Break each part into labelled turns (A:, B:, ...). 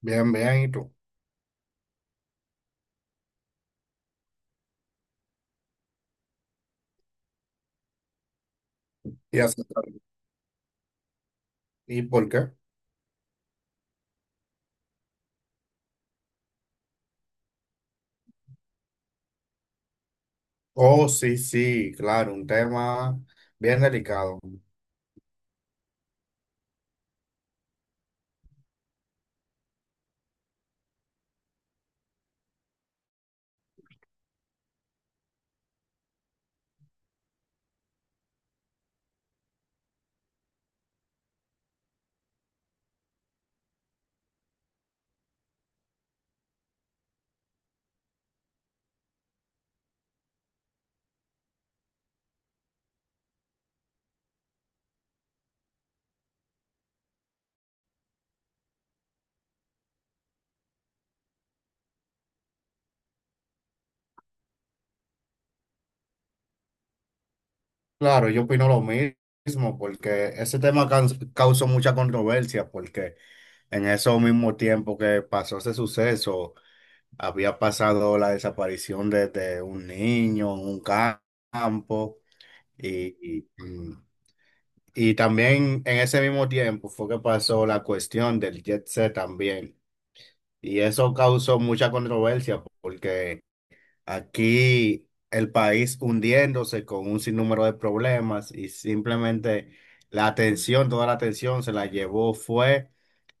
A: Bien, bien, ¿y tú? ¿Y, hace- ¿Y por qué? Oh, sí, sí, claro, un tema bien delicado. Claro, yo opino lo mismo, porque ese tema causó mucha controversia, porque en ese mismo tiempo que pasó ese suceso, había pasado la desaparición de un niño en un campo, y, y, mm, y también en ese mismo tiempo fue que pasó la cuestión del Jet Set también. Y eso causó mucha controversia porque aquí el país hundiéndose con un sinnúmero de problemas y simplemente la atención, toda la atención se la llevó fue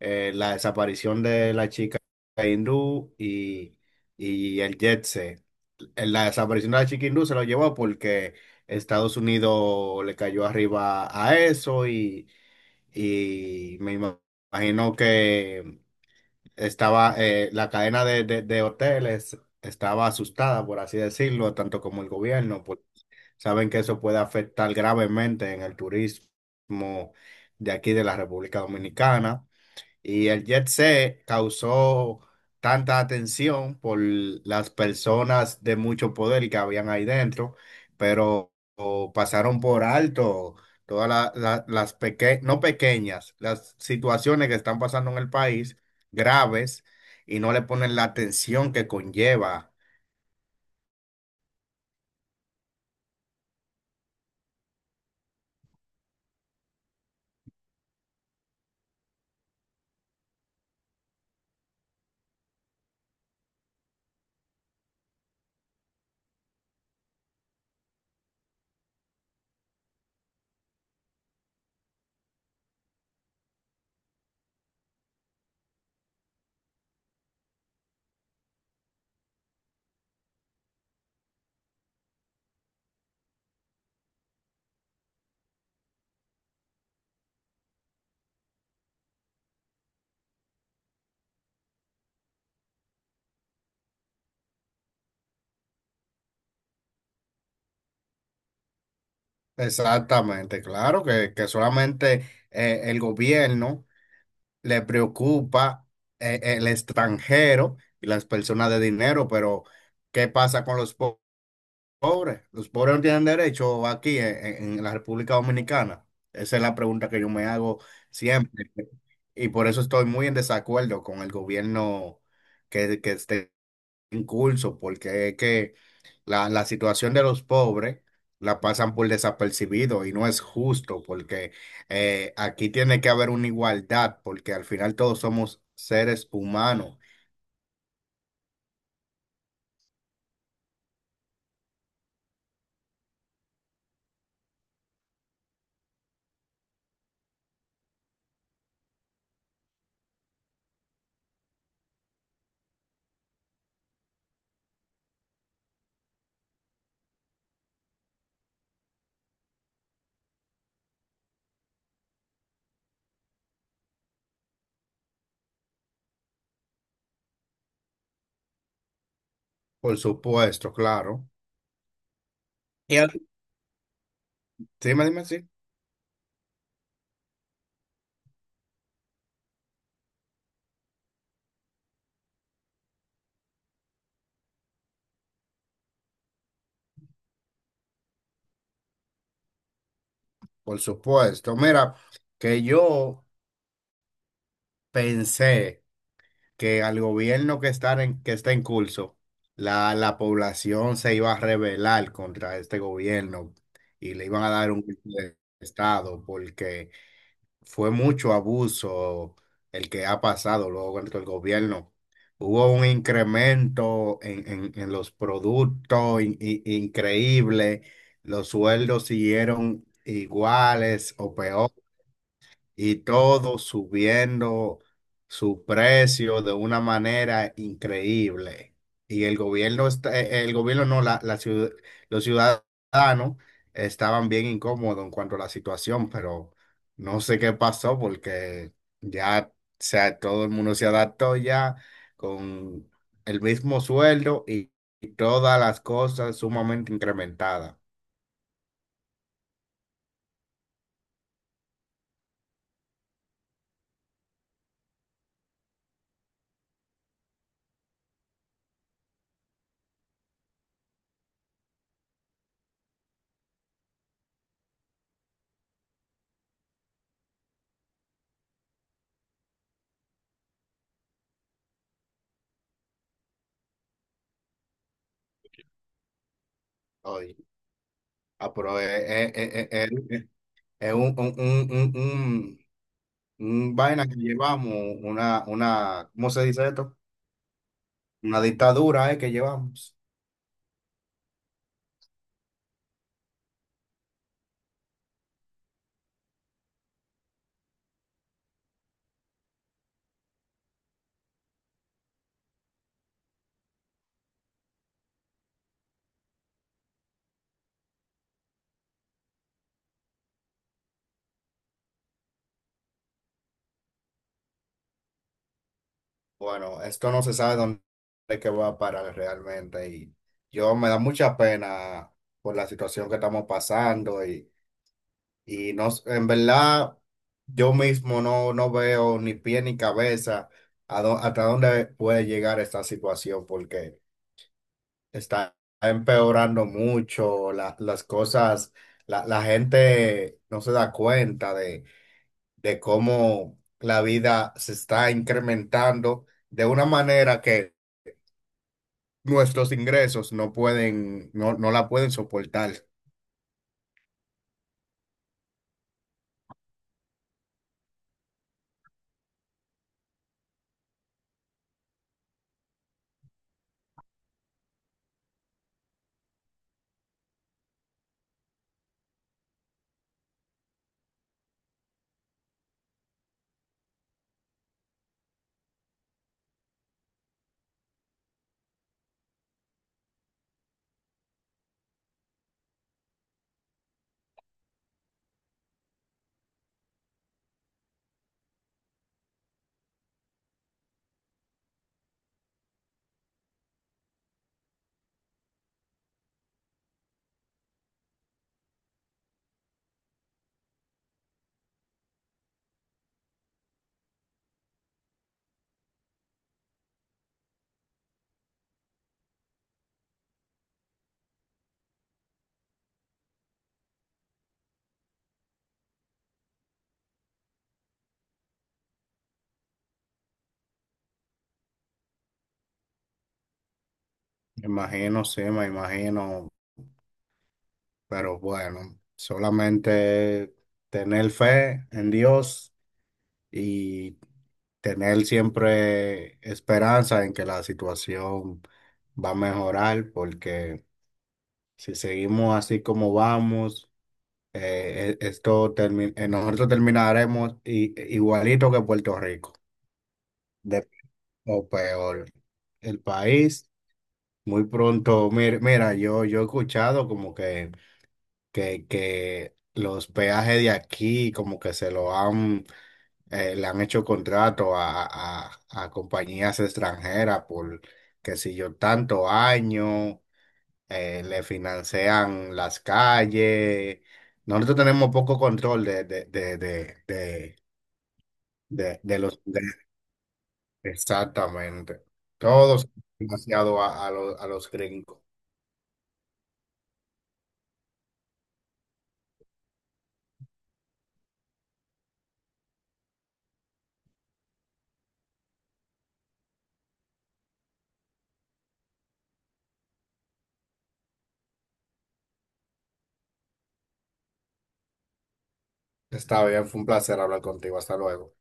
A: la desaparición de la chica hindú y el jet set. La desaparición de la chica hindú se lo llevó porque Estados Unidos le cayó arriba a eso y me imagino que estaba la cadena de, de hoteles estaba asustada, por así decirlo, tanto como el gobierno, pues saben que eso puede afectar gravemente en el turismo de aquí de la República Dominicana. Y el jet set causó tanta atención por las personas de mucho poder que habían ahí dentro, pero o, pasaron por alto todas las pequeñas, no pequeñas, las situaciones que están pasando en el país, graves, y no le ponen la atención que conlleva. Exactamente, claro que solamente el gobierno le preocupa el extranjero y las personas de dinero, pero ¿qué pasa con los pobres? ¿Los pobres no tienen derecho aquí en, en la República Dominicana? Esa es la pregunta que yo me hago siempre. Y por eso estoy muy en desacuerdo con el gobierno que esté en curso, porque es que la situación de los pobres la pasan por desapercibido y no es justo porque aquí tiene que haber una igualdad porque al final todos somos seres humanos, por supuesto, claro. Y al- Dime, dime, sí, por supuesto. Mira, que yo pensé que al gobierno que está en curso, la población se iba a rebelar contra este gobierno y le iban a dar un golpe de estado porque... fue mucho abuso el que ha pasado luego dentro del gobierno. Hubo un incremento en, en los productos increíble, los sueldos siguieron iguales o peor y todo subiendo su precio de una manera increíble. Y el gobierno está, el gobierno no, la los ciudadanos estaban bien incómodos en cuanto a la situación, pero no sé qué pasó porque ya, o sea, todo el mundo se adaptó ya con el mismo sueldo y todas las cosas sumamente incrementadas hoy. Ah, pero es un vaina que llevamos, una, ¿cómo se dice esto? Una dictadura, que llevamos. Bueno, esto no se sabe dónde es que va a parar realmente y yo me da mucha pena por la situación que estamos pasando y no, en verdad yo mismo no, no veo ni pie ni cabeza a hasta dónde puede llegar esta situación porque está empeorando mucho las cosas, la gente no se da cuenta de cómo la vida se está incrementando de una manera que nuestros ingresos no pueden, no, no la pueden soportar. Me imagino, sí, me imagino, pero bueno, solamente tener fe en Dios y tener siempre esperanza en que la situación va a mejorar, porque si seguimos así como vamos, nosotros terminaremos igualito que Puerto Rico, De- o peor, el país. Muy pronto, mira, mira, yo he escuchado como que los peajes de aquí como que se lo han, le han hecho contrato a, a compañías extranjeras por, que si yo, tanto año. Le financian las calles. Nosotros tenemos poco control de los... de- exactamente. Todos financiados a, a los gringos. Está bien, fue un placer hablar contigo. Hasta luego.